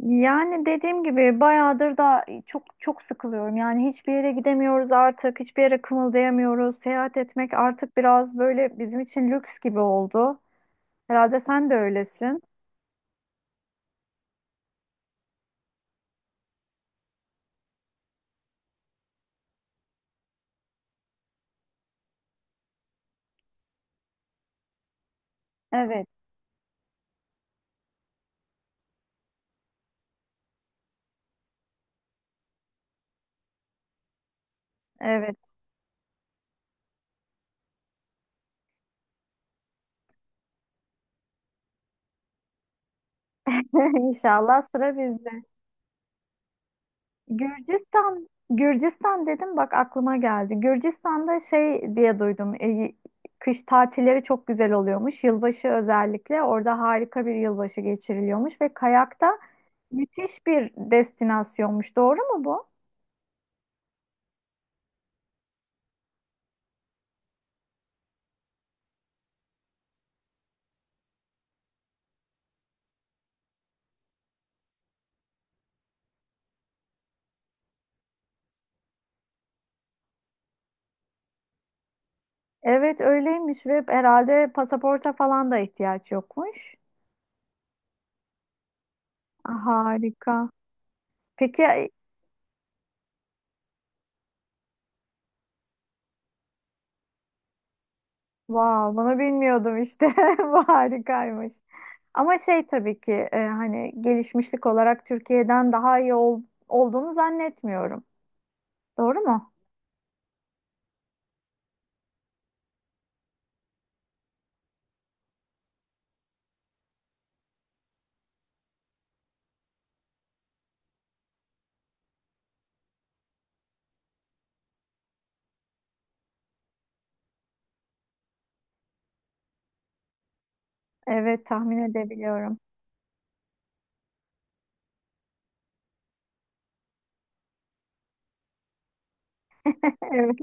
Yani dediğim gibi bayağıdır da çok çok sıkılıyorum. Yani hiçbir yere gidemiyoruz artık, hiçbir yere kımıldayamıyoruz. Seyahat etmek artık biraz böyle bizim için lüks gibi oldu. Herhalde sen de öylesin. Evet, evet. İnşallah sıra bizde. Gürcistan, Gürcistan dedim bak aklıma geldi. Gürcistan'da şey diye duydum. Kış tatilleri çok güzel oluyormuş. Yılbaşı özellikle orada harika bir yılbaşı geçiriliyormuş ve kayakta müthiş bir destinasyonmuş. Doğru mu bu? Evet öyleymiş ve herhalde pasaporta falan da ihtiyaç yokmuş. Ah, harika. Peki. Wow, bunu bilmiyordum işte. Bu harikaymış. Ama şey tabii ki hani gelişmişlik olarak Türkiye'den daha iyi olduğunu zannetmiyorum. Doğru mu? Evet, tahmin edebiliyorum. Evet.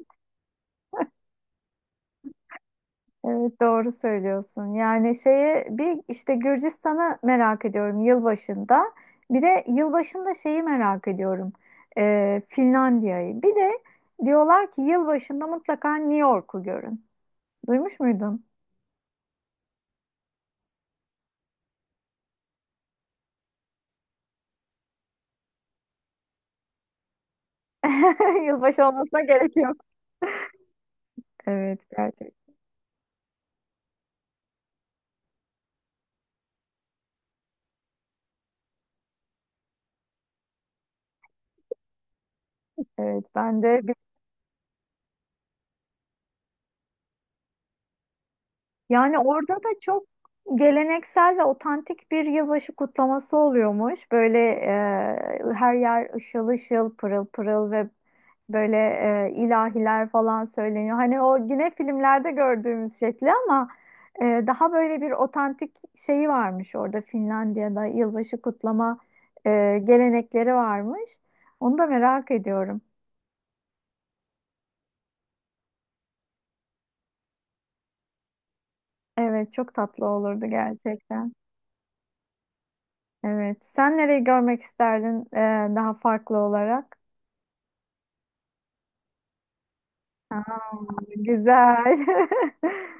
Evet doğru söylüyorsun. Yani şeye bir işte Gürcistan'ı merak ediyorum yılbaşında. Bir de yılbaşında şeyi merak ediyorum. Finlandiya'yı. Bir de diyorlar ki yılbaşında mutlaka New York'u görün. Duymuş muydun? Yılbaşı olmasına gerek yok. Evet gerçekten. Evet ben de. Yani orada da çok geleneksel ve otantik bir yılbaşı kutlaması oluyormuş. Böyle her yer ışıl ışıl, pırıl pırıl ve böyle ilahiler falan söyleniyor. Hani o yine filmlerde gördüğümüz şekli ama daha böyle bir otantik şeyi varmış orada Finlandiya'da yılbaşı kutlama e, gelenekleri varmış. Onu da merak ediyorum. Evet, çok tatlı olurdu gerçekten. Evet. Sen nereyi görmek isterdin daha farklı olarak? Aa, güzel.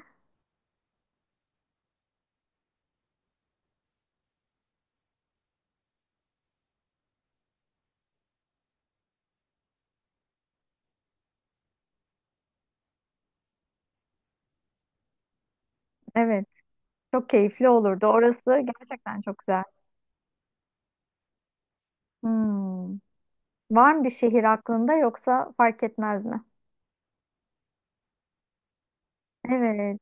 Evet. Çok keyifli olurdu. Orası gerçekten çok güzel. Hmm. Var mı bir şehir aklında yoksa fark etmez mi? Evet,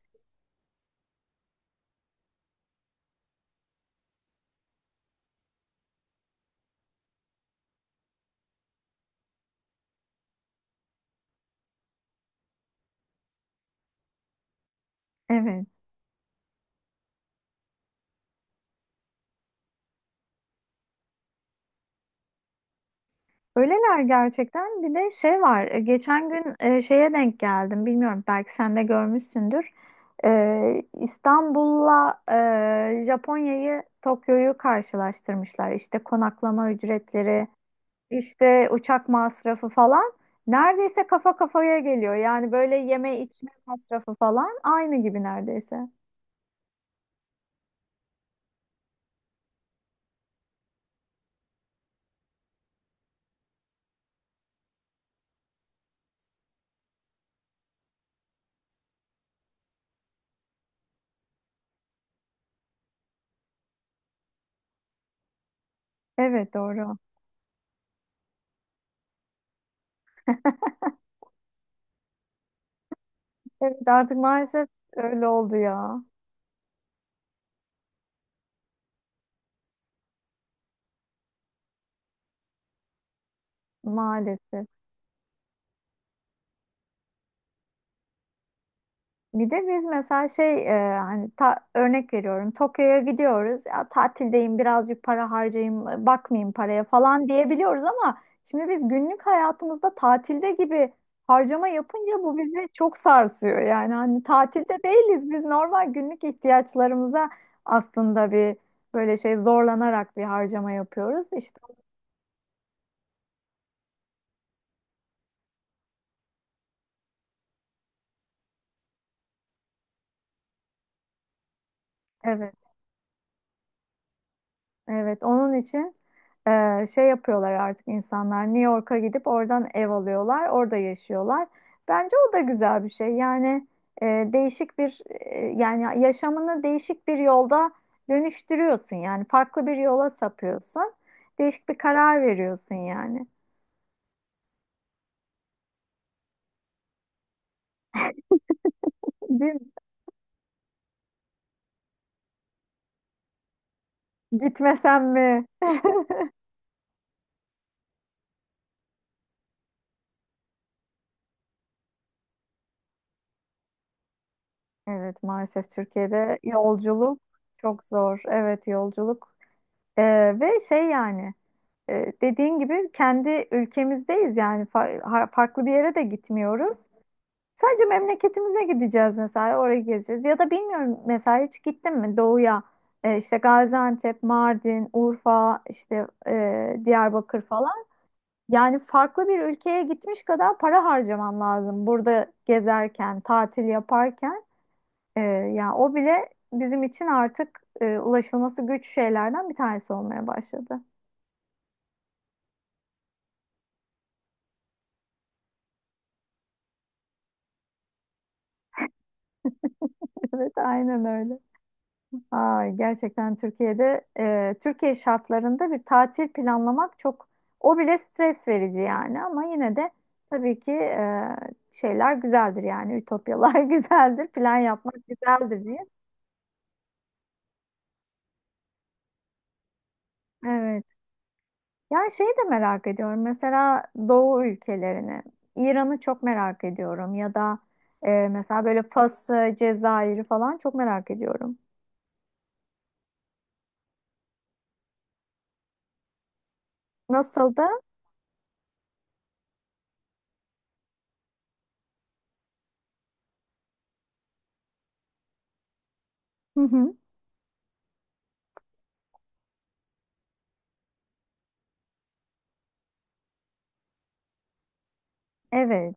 evet. Öyleler gerçekten. Bir de şey var. Geçen gün şeye denk geldim. Bilmiyorum belki sen de görmüşsündür. İstanbul'la Japonya'yı, Tokyo'yu karşılaştırmışlar. İşte konaklama ücretleri, işte uçak masrafı falan neredeyse kafa kafaya geliyor. Yani böyle yeme içme masrafı falan aynı gibi neredeyse. Evet doğru. Evet artık maalesef öyle oldu ya. Maalesef. Bir de biz mesela şey hani örnek veriyorum Tokyo'ya gidiyoruz ya tatildeyim birazcık para harcayayım bakmayayım paraya falan diyebiliyoruz ama şimdi biz günlük hayatımızda tatilde gibi harcama yapınca bu bizi çok sarsıyor yani hani tatilde değiliz biz normal günlük ihtiyaçlarımıza aslında bir böyle şey zorlanarak bir harcama yapıyoruz işte evet. Evet, onun için şey yapıyorlar artık insanlar. New York'a gidip oradan ev alıyorlar, orada yaşıyorlar. Bence o da güzel bir şey. Yani e, değişik bir yani yaşamını değişik bir yolda dönüştürüyorsun. Yani farklı bir yola sapıyorsun. Değişik bir karar veriyorsun yani. Değil mi? Gitmesem mi? Evet, maalesef Türkiye'de yolculuk çok zor. Evet, yolculuk. E, ve şey yani. Dediğin gibi kendi ülkemizdeyiz yani farklı bir yere de gitmiyoruz. Sadece memleketimize gideceğiz mesela oraya gezeceğiz. Ya da bilmiyorum mesela hiç gittin mi doğuya? E, işte Gaziantep, Mardin, Urfa, işte Diyarbakır falan. Yani farklı bir ülkeye gitmiş kadar para harcaman lazım burada gezerken, tatil yaparken. E, yani o bile bizim için artık ulaşılması güç şeylerden bir tanesi olmaya başladı. Evet, aynen öyle. Ay, gerçekten Türkiye'de Türkiye şartlarında bir tatil planlamak çok o bile stres verici yani ama yine de tabii ki şeyler güzeldir yani ütopyalar güzeldir plan yapmak güzeldir diye. Evet. Yani şeyi de merak ediyorum mesela Doğu ülkelerini İran'ı çok merak ediyorum ya da mesela böyle Fas'ı, Cezayir'i falan çok merak ediyorum. Nasıldı? Hı hı. Evet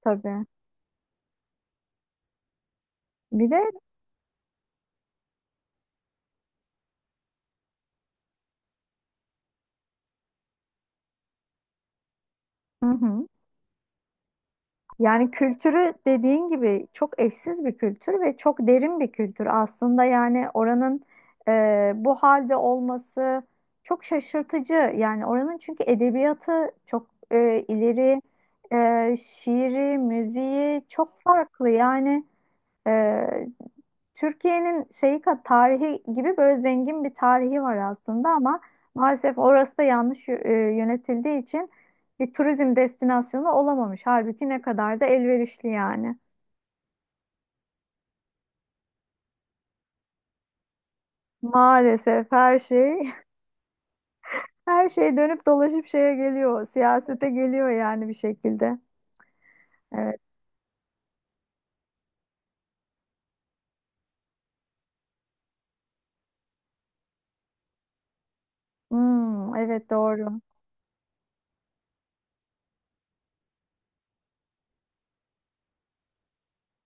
tabii. Bir de hı hı. Yani kültürü dediğin gibi çok eşsiz bir kültür ve çok derin bir kültür. Aslında yani oranın bu halde olması çok şaşırtıcı. Yani oranın çünkü edebiyatı çok ileri, şiiri, müziği çok farklı. Yani ee, Türkiye'nin şeyi tarihi gibi böyle zengin bir tarihi var aslında ama maalesef orası da yanlış yönetildiği için bir turizm destinasyonu olamamış. Halbuki ne kadar da elverişli yani. Maalesef her şey her şey dönüp dolaşıp şeye geliyor, siyasete geliyor yani bir şekilde. Evet. Hmm, evet doğru.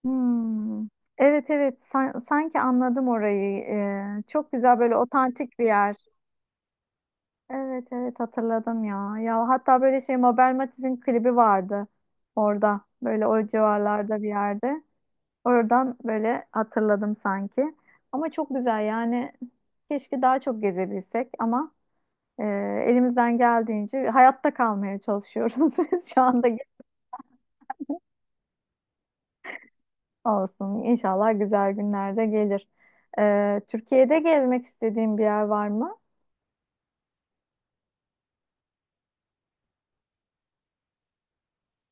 Hmm. Evet evet sanki anladım orayı. Çok güzel böyle otantik bir yer. Evet evet hatırladım ya. Ya hatta böyle şey Mabel Matiz'in klibi vardı orada. Böyle o civarlarda bir yerde. Oradan böyle hatırladım sanki. Ama çok güzel yani. Keşke daha çok gezebilsek ama e, elimizden geldiğince hayatta kalmaya çalışıyoruz biz şu anda. Olsun. İnşallah güzel günlerde gelir. Türkiye'de gezmek istediğin bir yer var mı?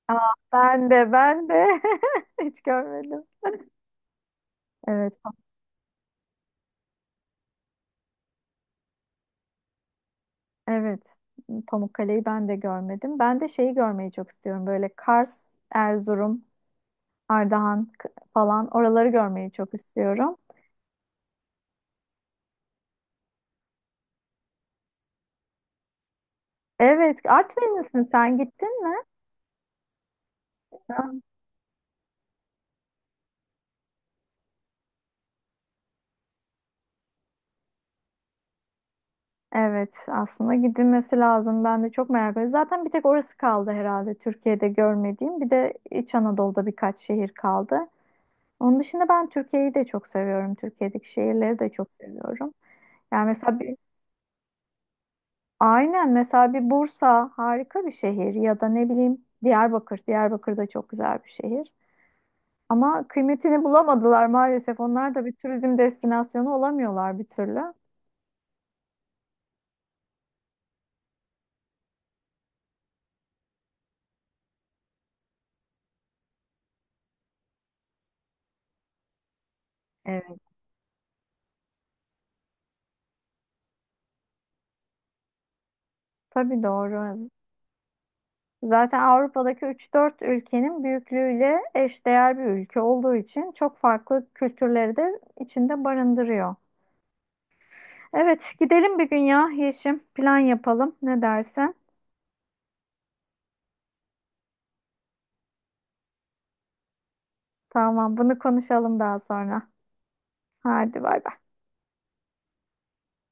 Aa, ben de hiç görmedim. Evet, evet. Pamukkale'yi ben de görmedim. Ben de şeyi görmeyi çok istiyorum. Böyle Kars, Erzurum, Ardahan falan oraları görmeyi çok istiyorum. Evet, Artvinlisin sen gittin mi? Evet, aslında gidilmesi lazım. Ben de çok merak ediyorum. Zaten bir tek orası kaldı herhalde Türkiye'de görmediğim. Bir de İç Anadolu'da birkaç şehir kaldı. Onun dışında ben Türkiye'yi de çok seviyorum. Türkiye'deki şehirleri de çok seviyorum. Yani mesela bir, aynen mesela bir Bursa harika bir şehir ya da ne bileyim Diyarbakır. Diyarbakır da çok güzel bir şehir. Ama kıymetini bulamadılar maalesef. Onlar da bir turizm destinasyonu olamıyorlar bir türlü. Evet. Tabii doğru. Zaten Avrupa'daki üç dört ülkenin büyüklüğüyle eşdeğer bir ülke olduğu için çok farklı kültürleri de içinde barındırıyor. Evet, gidelim bir gün ya Yeşim. Plan yapalım. Ne dersin? Tamam, bunu konuşalım daha sonra. Hadi bay bay.